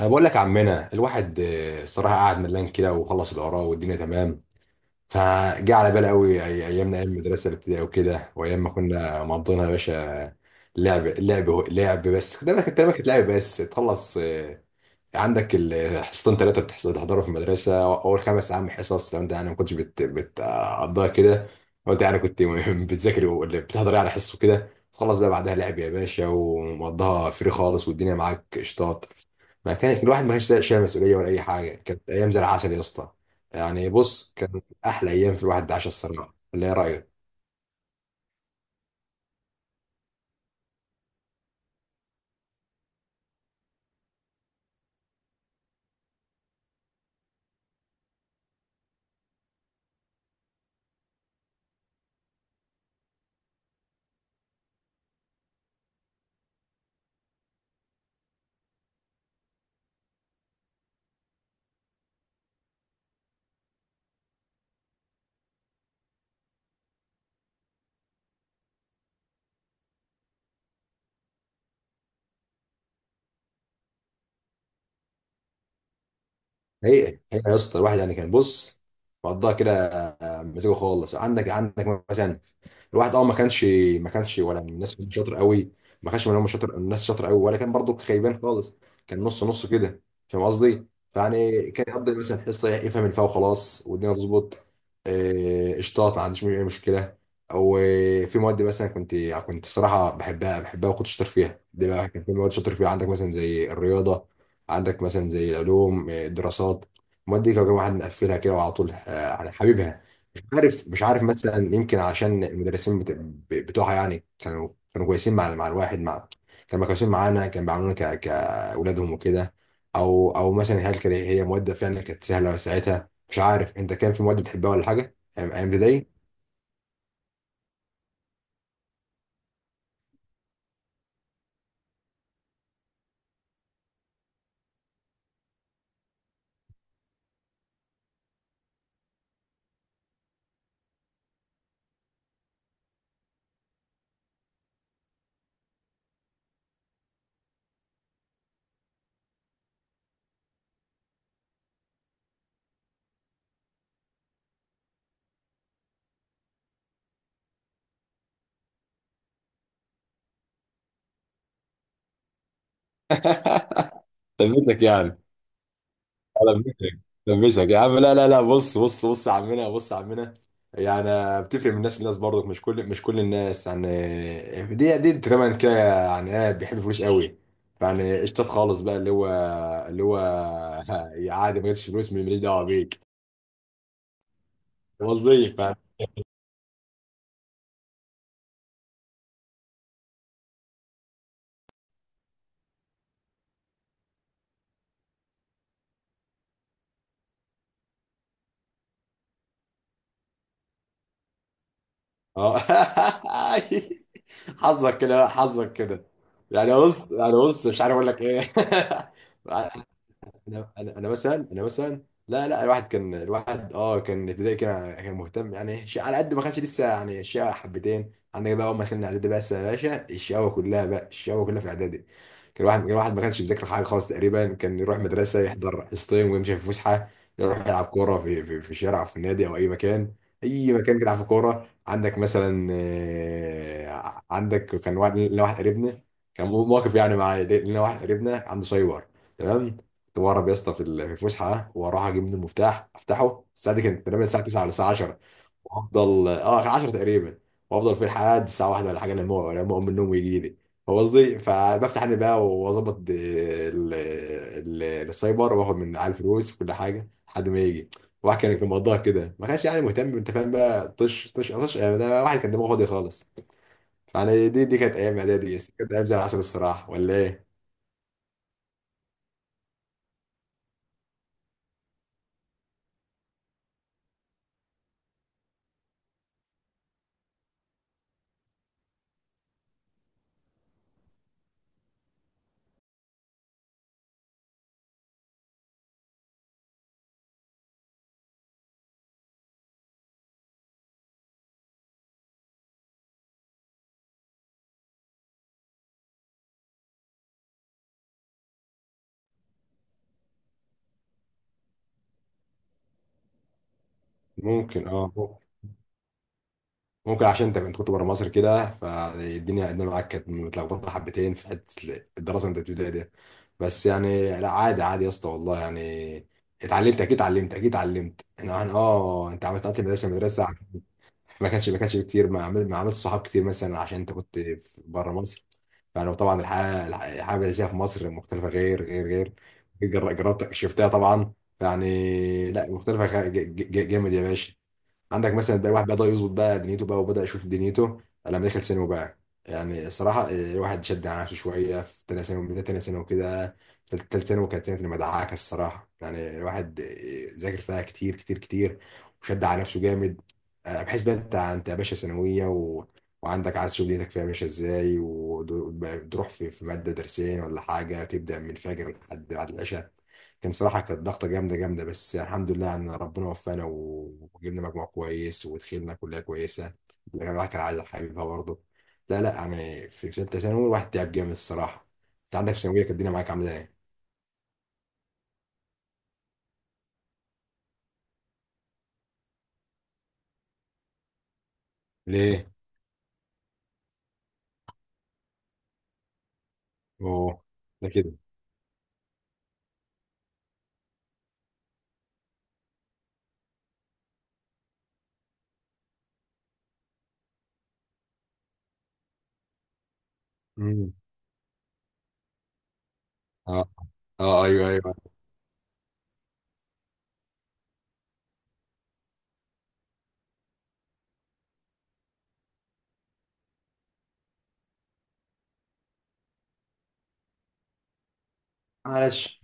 انا بقول لك يا عمنا الواحد الصراحه قاعد ملان كده وخلص اللي وراه والدنيا تمام. فجه على باله قوي ايامنا ايام المدرسه الابتدائيه وكده، وايام ما كنا مقضينها يا باشا. لعب لعب لعب، بس كنت دايما كانت لعب بس تخلص. عندك الحصتين ثلاثة بتحضروا في المدرسة أول 5 أيام حصص، لو أنت يعني ما كنتش بتقضيها كده. لو أنت يعني كنت بتذاكر ولا بتحضر يعني حصص وكده، تخلص بقى بعدها لعب يا باشا، ومقضيها فري خالص والدنيا معاك قشطات. ما كان الواحد ما كانش شايل مسؤولية ولا أي حاجة، كانت أيام زي العسل يا اسطى. يعني بص، كان أحلى أيام في الواحد عاشها الصراحة، ولا إيه رأيك؟ هي هي يا اسطى، الواحد يعني كان بص، مقضاها كده، مزاجه خالص. عندك مثلا الواحد، ما كانش ولا من الناس اللي شاطر قوي. ما كانش من هم شاطر الناس شاطر قوي، ولا كان برضو خيبان خالص، كان نص نص كده. فاهم قصدي؟ فيعني كان يقضي مثلا حصه يفهم الفا وخلاص والدنيا تظبط. قشطات، ما عنديش اي مشكله. او في مواد مثلا كنت صراحه بحبها بحبها وكنت شاطر فيها، دي بقى كان في مواد شاطر فيها، عندك مثلا زي الرياضه، عندك مثلا زي العلوم، الدراسات. المواد دي لو كان واحد مقفلها كده وعلى طول، يعني حبيبها. مش عارف مثلا، يمكن عشان المدرسين بتوعها يعني كانوا، كانوا كويسين مع الواحد مع، كانوا كويسين معانا، كانوا بيعاملونا كأولادهم وكده. او مثلا هل كان هي مواد فعلا كانت سهله ساعتها؟ مش عارف، انت كان في مواد بتحبها ولا حاجه أيام ابتدائي؟ ثبتك يعني. لبسك، لبسك يا عم. لا لا لا، بص بص بص يا عمنا، بص يا عمنا. يعني بتفرق من الناس للناس برضك، مش كل الناس يعني، دي تقريبا كده. يعني ايه؟ بيحب الفلوس قوي، يعني قشطات خالص بقى، اللي هو عادي، ما جاتش فلوس ماليش دعوه بيك. قصدي فاهم. اه حظك كده، حظك كده. يعني بص مش عارف اقول لك ايه. انا مثلا. لا لا، الواحد كان الواحد اه كان ابتدائي كان كان مهتم يعني شيء على قد، ما كانش لسه يعني، الشقاوة حبتين. عندك بقى اول ما دخلنا اعدادي، بس يا باشا الشقاوة كلها بقى، الشقاوة كلها في اعدادي. كان الواحد ما كانش بيذاكر حاجه خالص تقريبا، كان يروح مدرسه يحضر حصتين ويمشي في فسحه، يروح يلعب كوره في الشارع او في النادي او اي مكان. اي مكان كده يلعب في كوره. عندك مثلا، عندك كان واحد لنا، واحد قريبنا كان مواقف يعني معايا، لنا واحد قريبنا عنده سايبر. تمام. كنت بهرب يا اسطى في في الفسحه، واروح اجيب من المفتاح افتحه. الساعه دي كانت تقريبا الساعه 9 ولا الساعه 10، وافضل 10 تقريبا، وافضل في لحد الساعه 1 ولا حاجه، لما اقوم من النوم ويجي لي. فاهم قصدي؟ فبفتح انا بقى واظبط السايبر واخد من على الفلوس وكل حاجه لحد ما يجي. واحد كان مقضاها كده، ما كانش يعني مهتم. انت فاهم بقى، طش طش طش، يعني ده واحد كان دماغه فاضي خالص. يعني دي كانت ايام اعدادي، كانت ايام زي العسل الصراحه، ولا ايه؟ ممكن اه ممكن عشان انت كنت بره مصر كده، فالدنيا معاك كانت متلخبطه حبتين في حته الدراسه وانت بتبتدي دي. بس يعني لا، عادي عادي يا اسطى والله يعني. اتعلمت اكيد اتعلمت اكيد اتعلمت، انا انا اه انت نقلت من مدرسه لمدرسه. ما كانش كتير، ما عملت صحاب كتير مثلا عشان انت كنت بره مصر. فانا طبعا الحياه المدرسيه في مصر مختلفه، غير غير غير. جربت شفتها طبعا. يعني لا، مختلفه جامد يا باشا. عندك مثلا بقى الواحد بدأ يظبط بقى دنيته بقى، وبدأ يشوف دنيته لما دخل ثانوي بقى. يعني الصراحة، الواحد شد على نفسه شوية، في تانية ثانوي بداية تانية ثانوي وكده. تالتة ثانوي كانت سنة المدعكة الصراحة، يعني الواحد ذاكر فيها كتير كتير كتير وشد على نفسه جامد. بحيث بقى انت يا باشا ثانوية، وعندك عايز تشوف دنيتك فيها ماشية ازاي، وتروح في مادة درسين ولا حاجة، تبدأ من الفجر لحد بعد العشاء. صراحة كانت ضغطة جامدة جامدة، بس الحمد لله إن ربنا وفقنا وجبنا مجموع كويس ودخلنا كلية كويسة، لكن الواحد كان عايز حبيبها برضه. لا لا، يعني في ثالثة ثانوي الواحد تعب جامد الصراحة. أنت عندك في ثانوية كانت الدنيا معاك عاملة إيه؟ ليه؟ أوه، ده كده. امم. اه اه، ايوه ايوه. معلش.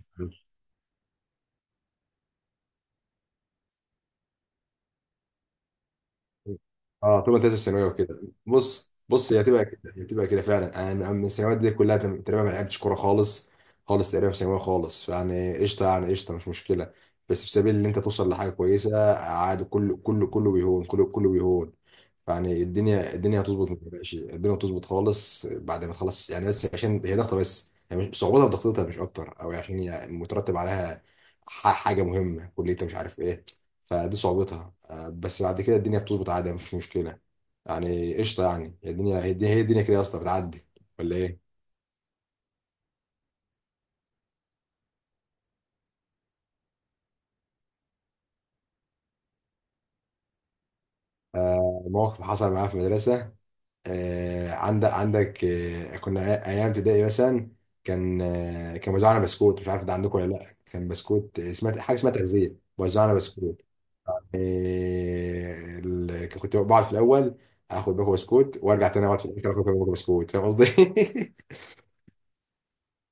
اه، طول ما انت لسه في ثانويه وكده. بص بص، هي هتبقى كده، هي هتبقى كده فعلا. انا من الثانويات دي كلها تقريبا ما لعبتش كوره خالص، خالص تقريبا في ثانويه خالص. فيعني قشطه، يعني قشطه مش مشكله، بس في سبيل ان انت توصل لحاجه كويسه عادي، كله كله كله بيهون، كله كله بيهون. يعني الدنيا هتظبط، ما تقلقش، الدنيا هتظبط خالص بعد ما تخلص يعني. بس عشان هي ضغطه بس، يعني مش صعوبتها في ضغطتها مش اكتر، او عشان هي مترتب عليها حاجه مهمه، كليه، مش عارف ايه. فدي صعوبتها، بس بعد كده الدنيا بتظبط عادي، مفيش مشكلة، يعني قشطة يعني. هي الدنيا كده يا اسطى بتعدي، ولا ايه؟ آه، موقف حصل معايا في المدرسة. عندك، كنا أيام ابتدائي مثلا، كان وزعنا بسكوت. مش عارف ده عندكم ولا لأ، كان بسكوت، سمعت حاجة اسمها تغذية، وزعنا بسكوت. كنت بقعد في الأول، اخد باكو بسكوت وارجع تاني اقعد في الاخر اخد باكو بسكوت، فاهم قصدي؟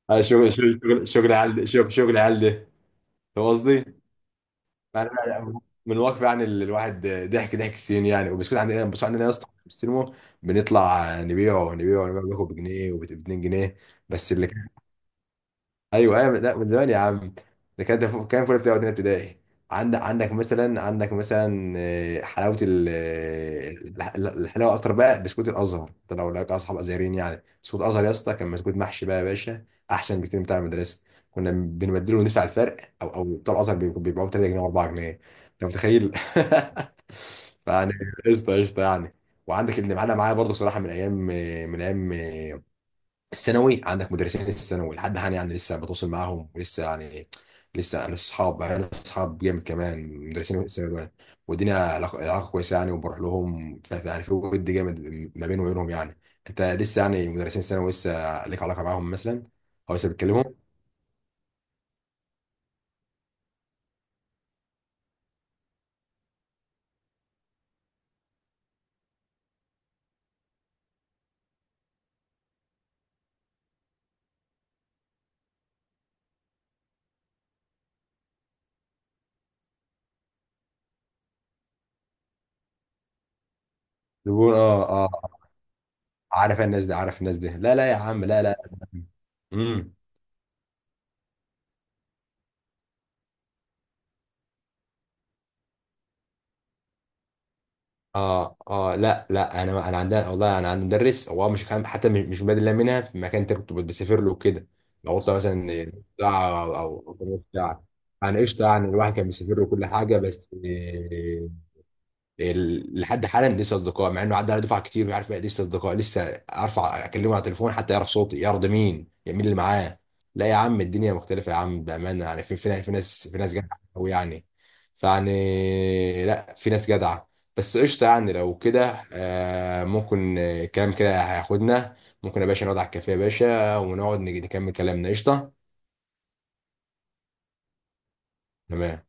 شغل شغل شغل شغل عيال شغل شغل عيال ده. فاهم قصدي؟ يعني أنا من واقفي يعني، الواحد ضحك ضحك السنين يعني. وبسكوت، عندنا بس عندنا يا اسطى في السينما بنطلع نبيعه نبيعه نبيعه، بياخد بجنيه وب2 جنيه. بس اللي، ايوه ايوه، لا من زمان يا عم. ده كانت، كان فول بتاع تانية ابتدائي. عندك مثلا، حلاوه ال- آه، الح- الحلاوه اكتر بقى، بسكوت الازهر ده لو لك اصحاب ازهريين، يعني بسكوت الازهر يا اسطى كان بسكوت محشي بقى يا باشا، احسن بكتير من بتاع المدرسه، كنا بنبدله وندفع الفرق. او بتوع الازهر بيبقوا بيبيعوه 3 جنيه و4 جنيه. انت متخيل؟ يعني قشطه قشطه يعني. وعندك اللي معايا برضه صراحه، من ايام الثانوي، عندك مدرسين الثانوي لحد حاليا يعني لسه بتواصل معاهم، ولسه يعني لسه انا اصحاب جامد كمان مدرسين الثانوي دول. والدنيا علاقه كويسه يعني، وبروح لهم يعني في ود جامد ما بيني وبينهم يعني. انت لسه يعني مدرسين الثانوي لسه ليك علاقه معاهم مثلا، او لسه بتكلمهم؟ بيقول اه اه. عارف الناس دي. لا لا يا عم، لا لا. امم. اه اه، لا لا، انا عندنا والله. انا عندي مدرس، هو مش كان حتى مش بادئ لها منها في مكان، انت كنت بتسافر له كده، لو قلت مثلا ساعه او او أو بتاع. انا قشطه يعني، الواحد كان بيسافر له كل حاجه بس. لحد حالا لسه اصدقاء مع انه عدى على دفعه كتير، ويعرف بقى لسه اصدقاء لسه. ارفع اكلمه على التليفون حتى يعرف صوتي، يعرف ده مين، يعني مين اللي معاه. لا يا عم، الدنيا مختلفه يا عم بامانه يعني، في ناس جدعه قوي يعني. فيعني لا، في ناس جدعه. بس قشطه يعني، لو كده، ممكن، الكلام كده هياخدنا، ممكن يا باشا نقعد على الكافيه يا باشا ونقعد نكمل كلامنا، قشطه. تمام.